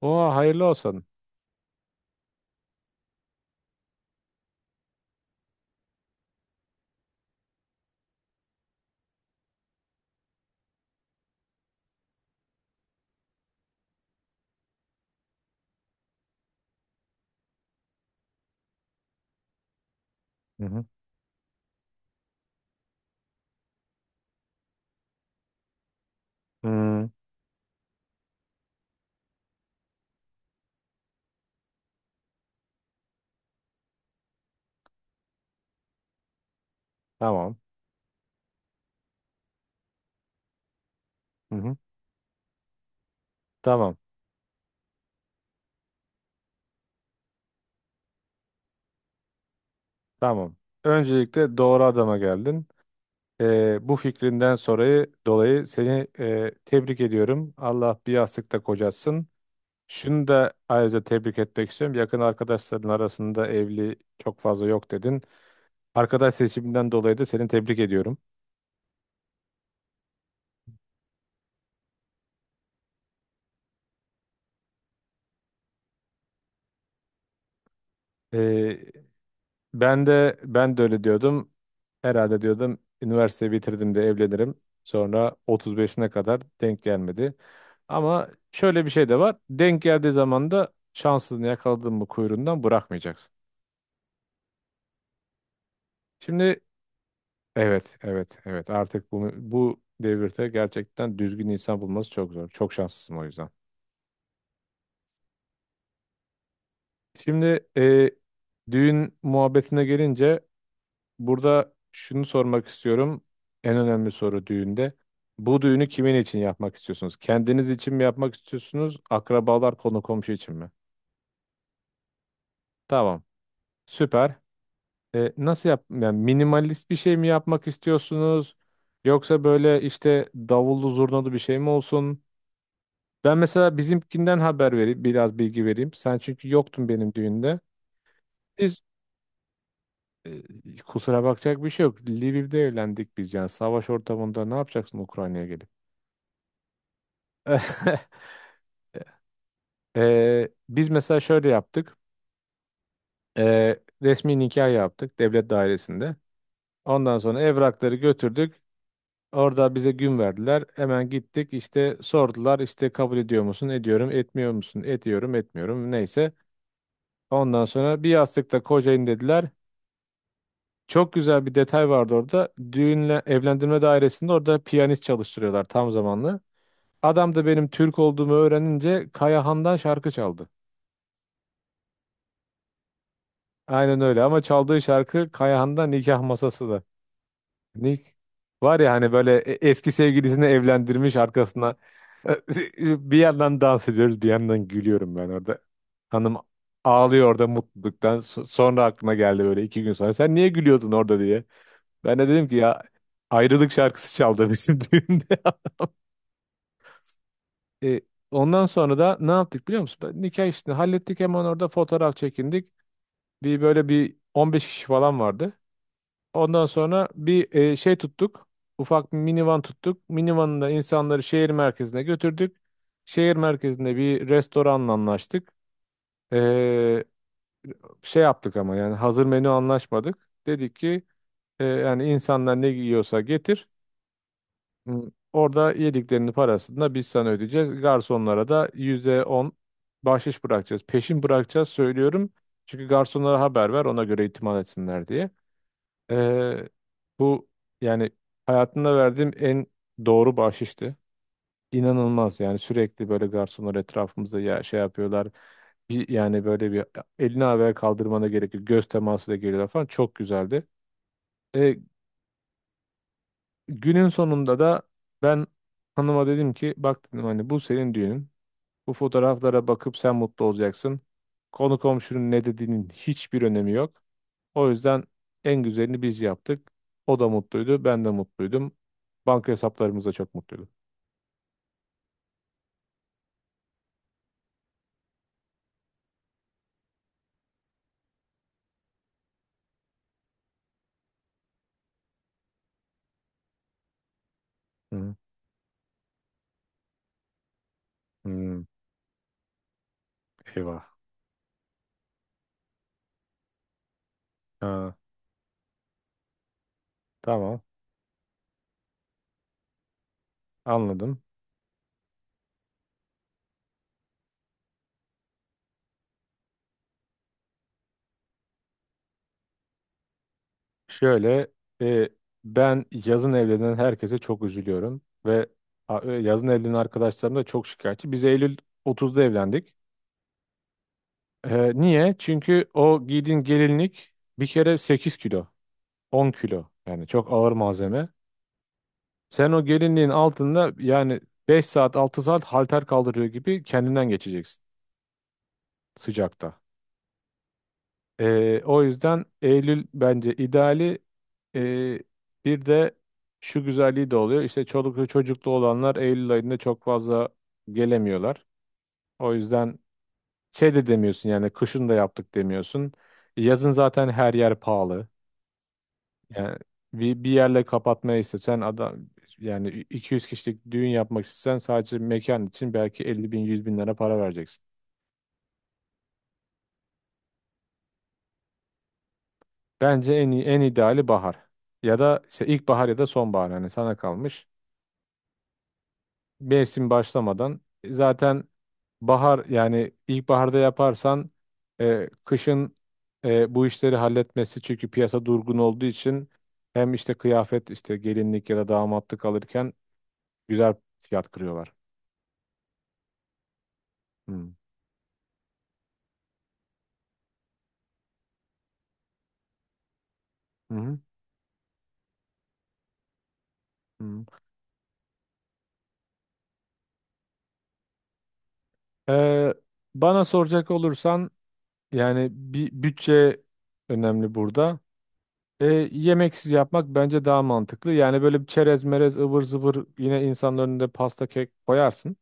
Oha hayırlı olsun. Hı hı. Hmm. Tamam. Hı hı. Tamam. Tamam. Öncelikle doğru adama geldin. Bu fikrinden sonra dolayı seni tebrik ediyorum. Allah bir yastıkta kocatsın. Şunu da ayrıca tebrik etmek istiyorum. Yakın arkadaşların arasında evli çok fazla yok dedin. Arkadaş seçiminden dolayı da seni tebrik ediyorum. Ee, ben de öyle diyordum. Herhalde diyordum üniversiteyi bitirdim de evlenirim. Sonra 35'ine kadar denk gelmedi. Ama şöyle bir şey de var. Denk geldiği zaman da şansını yakaladın mı kuyruğundan bırakmayacaksın. Şimdi evet evet evet artık bu devirde gerçekten düzgün insan bulması çok zor. Çok şanslısın o yüzden. Şimdi düğün muhabbetine gelince, burada şunu sormak istiyorum. En önemli soru düğünde. Bu düğünü kimin için yapmak istiyorsunuz? Kendiniz için mi yapmak istiyorsunuz? Akrabalar, konu komşu için mi? Tamam. Süper. Nasıl yap? Yani minimalist bir şey mi yapmak istiyorsunuz? Yoksa böyle işte davullu zurnalı bir şey mi olsun? Ben mesela bizimkinden haber vereyim, biraz bilgi vereyim. Sen çünkü yoktun benim düğünde. Biz e, kusura bakacak bir şey yok. Lviv'de evlendik biz yani. Savaş ortamında ne yapacaksın Ukrayna'ya gelip? Biz mesela şöyle yaptık. Ee, resmi nikah yaptık devlet dairesinde. Ondan sonra evrakları götürdük. Orada bize gün verdiler. Hemen gittik işte sordular işte kabul ediyor musun? Ediyorum. Etmiyor musun? Ediyorum. Etmiyorum. Neyse. Ondan sonra bir yastıkta kocayın dediler. Çok güzel bir detay vardı orada. Düğünle evlendirme dairesinde orada piyanist çalıştırıyorlar tam zamanlı. Adam da benim Türk olduğumu öğrenince Kayahan'dan şarkı çaldı. Aynen öyle ama çaldığı şarkı Kayahan'da nikah masası da. Nik Var ya hani böyle eski sevgilisini evlendirmiş arkasına, bir yandan dans ediyoruz bir yandan gülüyorum ben orada. Hanım ağlıyor orada mutluluktan. Sonra aklına geldi böyle 2 gün sonra sen niye gülüyordun orada diye. Ben de dedim ki ya ayrılık şarkısı çaldı bizim düğünde. E, ondan sonra da ne yaptık biliyor musun? Nikah işini hallettik hemen orada fotoğraf çekindik. Bir böyle bir 15 kişi falan vardı. Ondan sonra bir şey tuttuk. Ufak bir minivan tuttuk. Minivanında insanları şehir merkezine götürdük. Şehir merkezinde bir restoranla anlaştık. E, şey yaptık ama yani hazır menü anlaşmadık. Dedik ki yani insanlar ne yiyorsa getir. Hmm, Orada yediklerinin parasını da biz sana ödeyeceğiz. Garsonlara da %10 bahşiş bırakacağız. Peşin bırakacağız söylüyorum. Çünkü garsonlara haber ver ona göre itimat etsinler diye. Ee, bu yani hayatımda verdiğim en doğru bahşişti. İnanılmaz yani sürekli böyle garsonlar etrafımızda ya şey yapıyorlar. Yani böyle bir elini havaya kaldırmana gerek yok. Göz teması da geliyorlar falan. Çok güzeldi. E, günün sonunda da ben hanıma dedim ki bak dedim hani bu senin düğünün. Bu fotoğraflara bakıp sen mutlu olacaksın. Konu komşunun ne dediğinin hiçbir önemi yok. O yüzden en güzelini biz yaptık. O da mutluydu, ben de mutluydum. Banka hesaplarımız da çok mutluydu. Hı, hı. Hmm. Eyvah. Ha. Tamam, anladım. Şöyle, e, ben yazın evlenen herkese çok üzülüyorum ve yazın evlenen arkadaşlarım da çok şikayetçi. Biz Eylül 30'da evlendik. Niye? Çünkü o giydiğin gelinlik bir kere 8 kilo. 10 kilo. Yani çok ağır malzeme. Sen o gelinliğin altında yani 5 saat 6 saat halter kaldırıyor gibi kendinden geçeceksin sıcakta. O yüzden Eylül bence ideali. Ee, bir de şu güzelliği de oluyor. İşte çoluklu çocuklu olanlar Eylül ayında çok fazla gelemiyorlar. O yüzden şey de demiyorsun yani kışın da yaptık demiyorsun. Yazın zaten her yer pahalı. Yani bir yerle kapatmayı istesen adam yani 200 kişilik düğün yapmak istesen sadece mekan için belki 50 bin 100 bin lira para vereceksin. Bence en iyi, en ideali bahar. Ya da işte ilkbahar ya da sonbahar hani sana kalmış. Mevsim başlamadan zaten bahar yani ilkbaharda yaparsan kışın bu işleri halletmesi çünkü piyasa durgun olduğu için hem işte kıyafet işte gelinlik ya da damatlık alırken güzel fiyat kırıyorlar. Hı. Hı hı. Hı. Ee, bana soracak olursan yani bir bütçe önemli burada. Ee, yemeksiz yapmak bence daha mantıklı. Yani böyle bir çerez merez ıvır zıvır yine insanların önünde pasta kek koyarsın.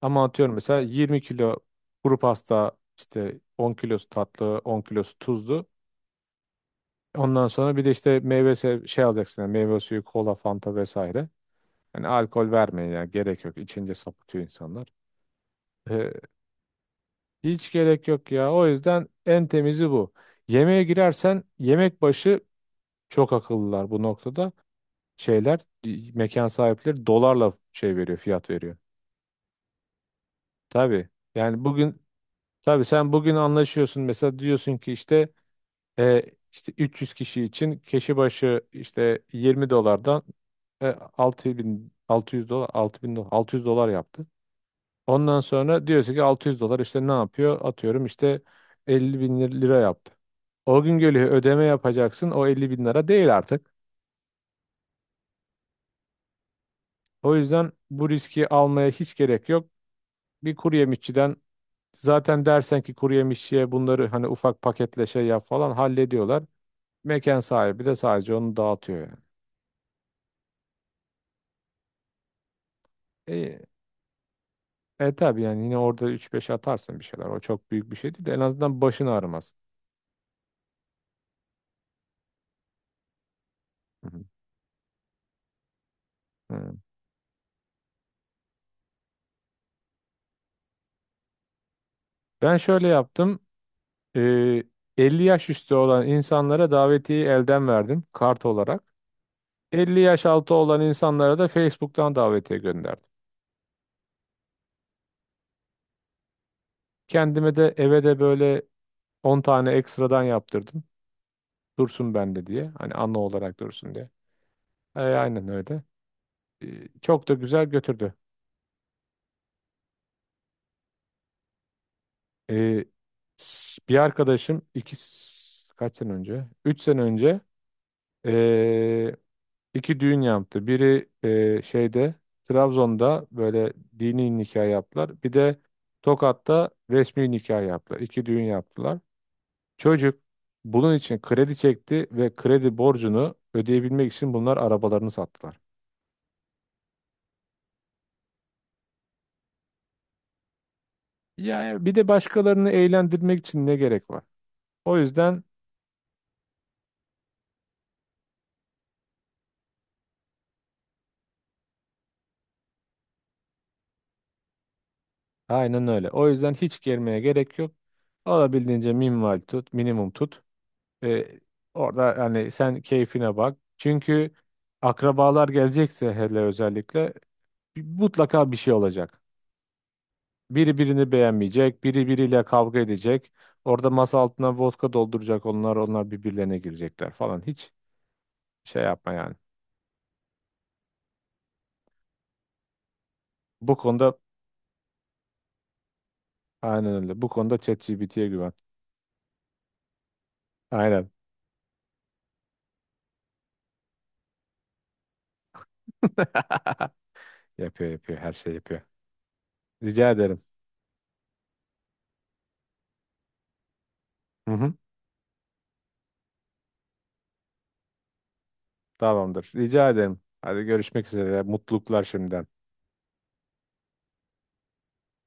Ama atıyorum mesela 20 kilo kuru pasta işte 10 kilosu tatlı 10 kilosu tuzlu. Ondan sonra bir de işte şey alacaksın yani meyve suyu kola fanta vesaire. Yani alkol vermeyin yani gerek yok. İçince sapıtıyor insanlar. Hiç gerek yok ya. O yüzden en temizi bu. Yemeğe girersen yemek başı çok akıllılar bu noktada. Şeyler mekan sahipleri dolarla şey veriyor, fiyat veriyor. Tabii. Yani bugün tabii sen bugün anlaşıyorsun mesela diyorsun ki işte e, işte 300 kişi için kişi başı işte 20 dolardan e, 6.000 600 dolar 6.000 dolar 600 dolar yaptı. Ondan sonra diyorsun ki 600 dolar işte ne yapıyor? Atıyorum işte 50 bin lira yaptı. O gün geliyor ödeme yapacaksın. O 50 bin lira değil artık. O yüzden bu riski almaya hiç gerek yok. Bir kuru yemişçiden zaten dersen ki kuru yemişçiye bunları hani ufak paketle şey yap falan hallediyorlar. Mekan sahibi de sadece onu dağıtıyor yani. Tabii yani yine orada üç beş atarsın bir şeyler. O çok büyük bir şey değil de en azından başın ağrımaz. Hı hı. Hı. Ben şöyle yaptım. E, 50 yaş üstü olan insanlara davetiyeyi elden verdim kart olarak. 50 yaş altı olan insanlara da Facebook'tan davetiye gönderdim. Kendime de eve de böyle 10 tane ekstradan yaptırdım. Dursun bende diye. Hani anı olarak dursun diye. Aynen öyle. E, çok da güzel götürdü. E, bir arkadaşım kaç sene önce? 3 sene önce e, iki düğün yaptı. Biri şeyde Trabzon'da böyle dini nikah yaptılar. Bir de Tokat'ta resmi nikah yaptılar. İki düğün yaptılar. Çocuk bunun için kredi çekti ve kredi borcunu ödeyebilmek için bunlar arabalarını sattılar. Yani bir de başkalarını eğlendirmek için ne gerek var? O yüzden aynen öyle. O yüzden hiç gelmeye gerek yok. Olabildiğince minimal tut, minimum tut. Ee, orada yani sen keyfine bak. Çünkü akrabalar gelecekse hele özellikle mutlaka bir şey olacak. Biri birini beğenmeyecek, biri biriyle kavga edecek. Orada masa altına vodka dolduracak onlar birbirlerine girecekler falan. Hiç şey yapma yani. Bu konuda aynen öyle. Bu konuda ChatGPT'ye güven. Aynen. Yapıyor yapıyor, her şey yapıyor. Rica ederim. Hı hı. Tamamdır. Rica ederim. Hadi görüşmek üzere. Mutluluklar şimdiden.